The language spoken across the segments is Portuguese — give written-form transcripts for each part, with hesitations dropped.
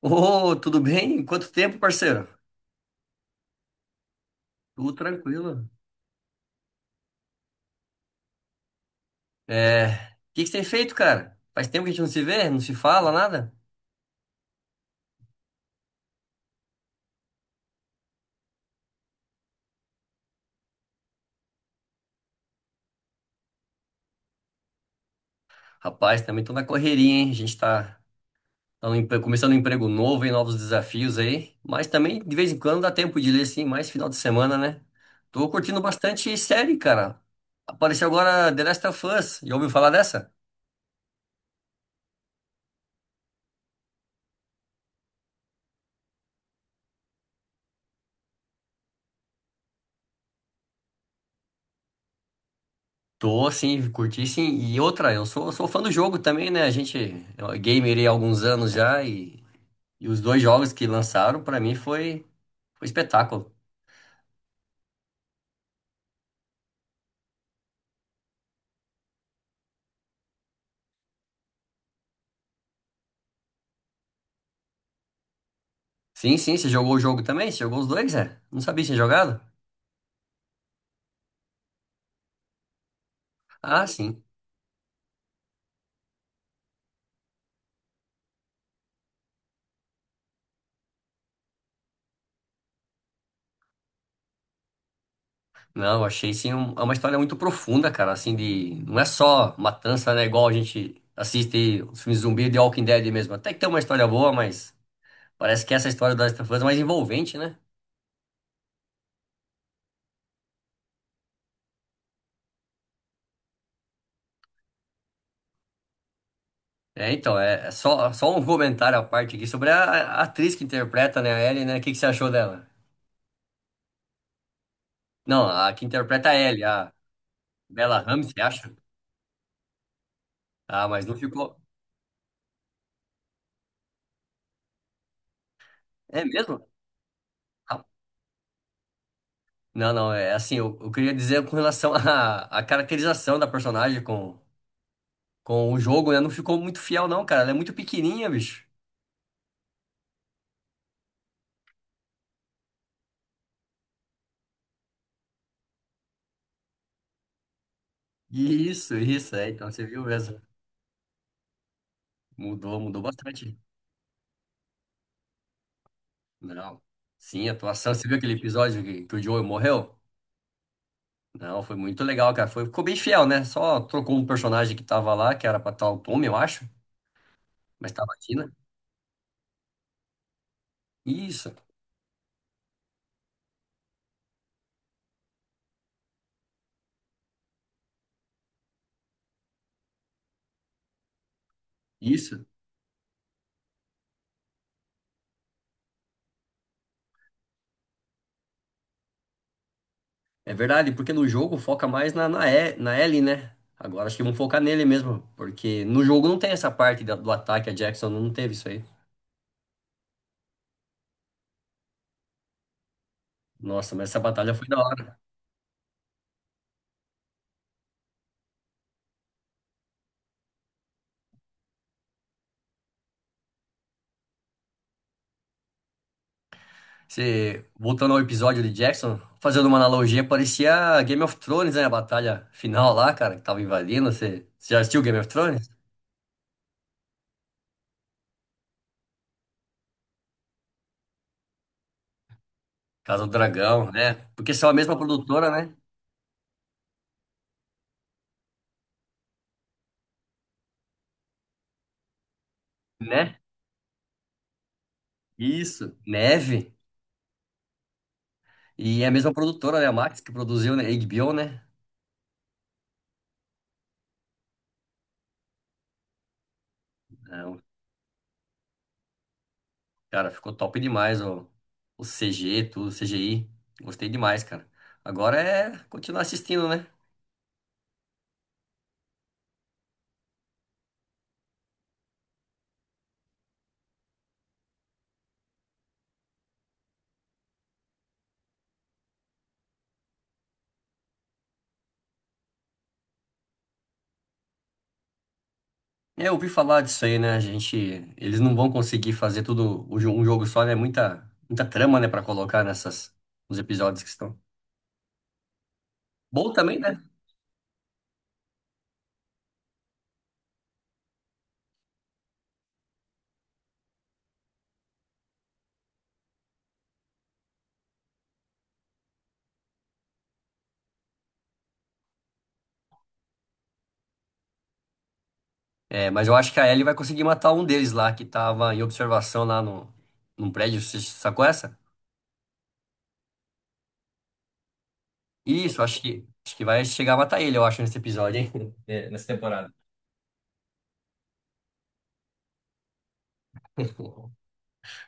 Ô, tudo bem? Quanto tempo, parceiro? Tudo tranquilo. É, o que que você tem feito, cara? Faz tempo que a gente não se vê, não se fala, nada? Rapaz, também tô na correria, hein? A gente tá no empre- começando um emprego novo, hein? Novos desafios aí. Mas também, de vez em quando, dá tempo de ler, assim, mais final de semana, né? Tô curtindo bastante série, cara. Apareceu agora The Last of Us. Já ouviu falar dessa? Tô, sim, curti sim. E outra, eu sou fã do jogo também, né? A gente é gamer aí há alguns anos já e os dois jogos que lançaram, pra mim, foi espetáculo. Sim, sim, você jogou o jogo também? Você jogou os dois, é? Não sabia que tinha jogado? Ah, sim. Não, achei sim é uma história muito profunda, cara, assim, de. Não é só matança, né? Igual a gente assiste os filmes zumbi de Walking Dead mesmo. Até que tem uma história boa, mas parece que essa história do Last of Us é mais envolvente, né? É, então, é só um comentário à parte aqui sobre a atriz que interpreta, né, a Ellie, né? O que que você achou dela? Não, a que interpreta é a Ellie, a Bella Ramsey, acho. Ah, mas não ficou. É mesmo? Ah, não, não, é assim, eu queria dizer com relação à caracterização da personagem com o jogo, né? Não ficou muito fiel, não, cara. Ela é muito pequenininha, bicho. Isso, é. Então você viu mesmo. Mudou, mudou bastante. Não. Sim, a atuação. Você viu aquele episódio que o Joel morreu? Não, foi muito legal, cara. Foi, ficou bem fiel, né? Só trocou um personagem que tava lá, que era pra tal Tommy, eu acho, mas tava a Tina. Isso, isso. É verdade, porque no jogo foca mais na Ellie, né? Agora acho que vão focar nele mesmo, porque no jogo não tem essa parte do ataque, a Jackson não teve isso aí. Nossa, mas essa batalha foi da hora. Você, voltando ao episódio de Jackson, fazendo uma analogia, parecia Game of Thrones, né? A batalha final lá, cara, que tava invadindo. Você já assistiu Game of Thrones? Casa do Dragão, né? Porque são a mesma produtora, né? Né? Isso. Neve. E é a mesma produtora, né? A Max, que produziu, né? HBO, né? É um Cara, ficou top demais o CG, tudo, CGI. Gostei demais, cara. Agora é continuar assistindo, né? É, eu ouvi falar disso aí, né? A gente, eles não vão conseguir fazer tudo um jogo só, né? Muita, muita trama, né, pra colocar nessas nos episódios que estão. Bom também, né? É, mas eu acho que a Ellie vai conseguir matar um deles lá que tava em observação lá no num prédio, você sacou essa? Isso, acho que vai chegar a matar ele, eu acho, nesse episódio, hein? É, nessa temporada.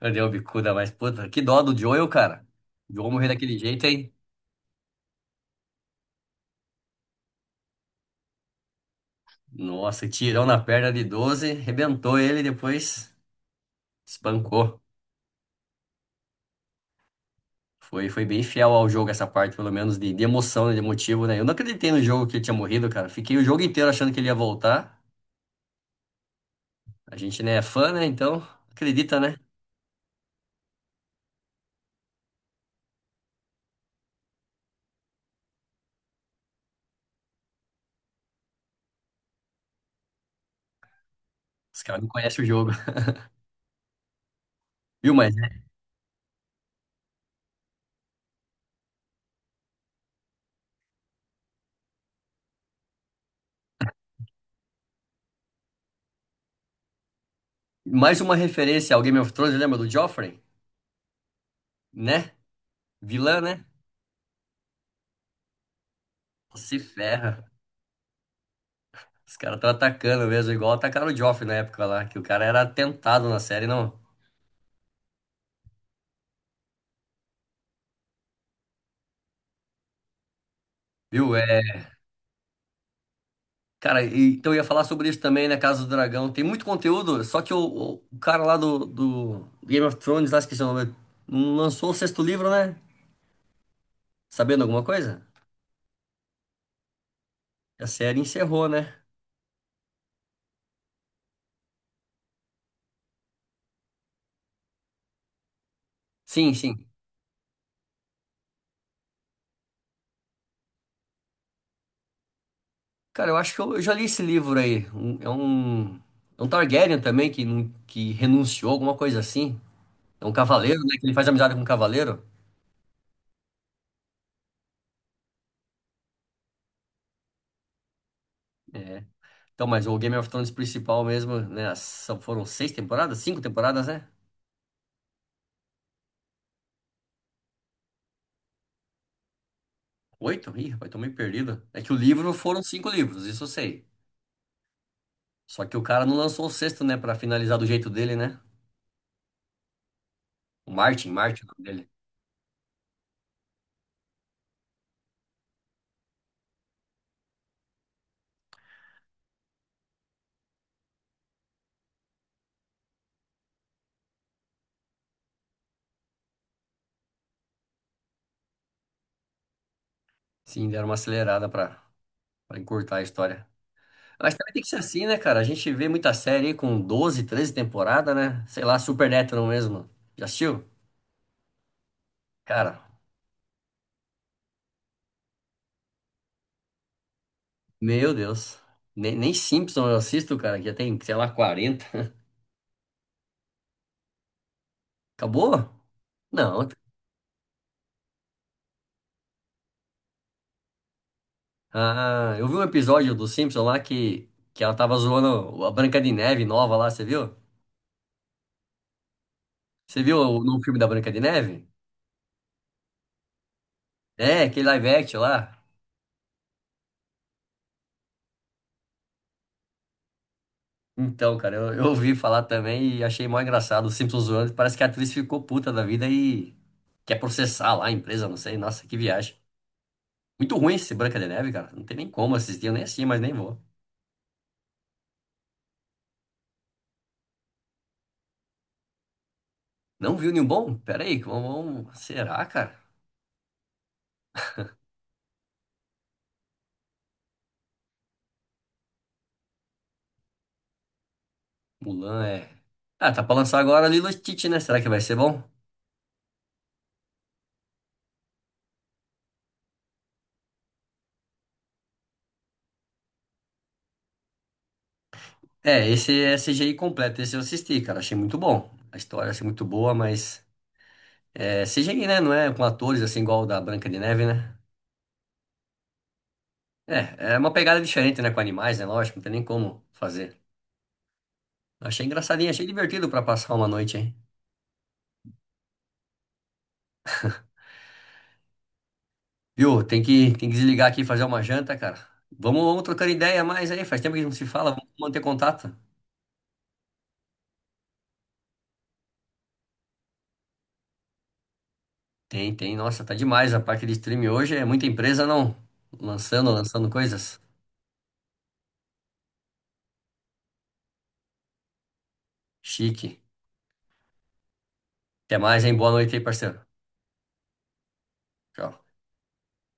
Eu dei uma bicuda, mas puta, que dó do Joel, cara. O Joel morrer daquele jeito, hein? Nossa, tirão na perna de 12 rebentou ele e depois espancou. Foi bem fiel ao jogo essa parte, pelo menos de emoção, né, de motivo, né? Eu não acreditei no jogo que ele tinha morrido, cara. Fiquei o jogo inteiro achando que ele ia voltar. A gente, né, é fã, né? Então, acredita, né? Os caras não conhecem o jogo. Viu, mas né? Mais uma referência ao Game of Thrones, lembra do Joffrey? Né? Vilã, né? Se ferra. Os caras estão atacando mesmo, igual atacaram o Joffrey na época lá, que o cara era atentado na série, não. Viu? É, cara, então eu ia falar sobre isso também na Casa do Dragão. Tem muito conteúdo, só que o cara lá do Game of Thrones, lá esqueci o nome, não lançou o sexto livro, né? Sabendo alguma coisa? A série encerrou, né? Sim, sim. Cara, eu acho que eu já li esse livro aí. É um Targaryen também que, não- que renunciou, alguma coisa assim. É um cavaleiro, né? Que ele faz amizade com um cavaleiro. É, então, mas o Game of Thrones principal mesmo, né? Foram seis temporadas? Cinco temporadas, né? Oito? Ih, rapaz, tô meio perdido. É que o livro foram cinco livros, isso eu sei. Só que o cara não lançou o sexto, né? Pra finalizar do jeito dele, né? O Martin, Martin, o nome dele. Sim, deram uma acelerada pra encurtar a história. Mas também tem que ser assim, né, cara? A gente vê muita série aí com 12, 13 temporadas, né? Sei lá, Supernatural mesmo. Já assistiu? Cara, meu Deus. Nem Simpson eu assisto, cara, que já tem, sei lá, 40. Acabou? Não, ah, eu vi um episódio do Simpson lá que ela tava zoando a Branca de Neve nova lá, você viu? Você viu o no filme da Branca de Neve? É, aquele live action lá. Então, cara, eu ouvi falar também e achei mó engraçado. O Simpsons zoando, parece que a atriz ficou puta da vida e quer processar lá a empresa, não sei. Nossa, que viagem. Muito ruim esse Branca de Neve, cara. Não tem nem como assistir, eu nem assisti, mas nem vou. Não viu nenhum bom? Pera aí, Será, cara? Mulan é. Ah, tá pra lançar agora Lilo e Stitch, né? Será que vai ser bom? É, esse é CGI completo, esse eu assisti, cara, achei muito bom. A história achei muito boa, mas é CGI, né? Não é com atores assim igual o da Branca de Neve, né? É, é uma pegada diferente, né? Com animais, né? Lógico, não tem nem como fazer. Achei engraçadinho, achei divertido pra passar uma noite aí. Viu? Tem que desligar aqui e fazer uma janta, cara. Vamos trocando ideia mais aí, faz tempo que a gente não se fala, vamos manter contato. Tem, nossa, tá demais a parte de streaming hoje, é muita empresa não lançando coisas. Chique. Até mais, hein? Boa noite aí, parceiro. Tchau.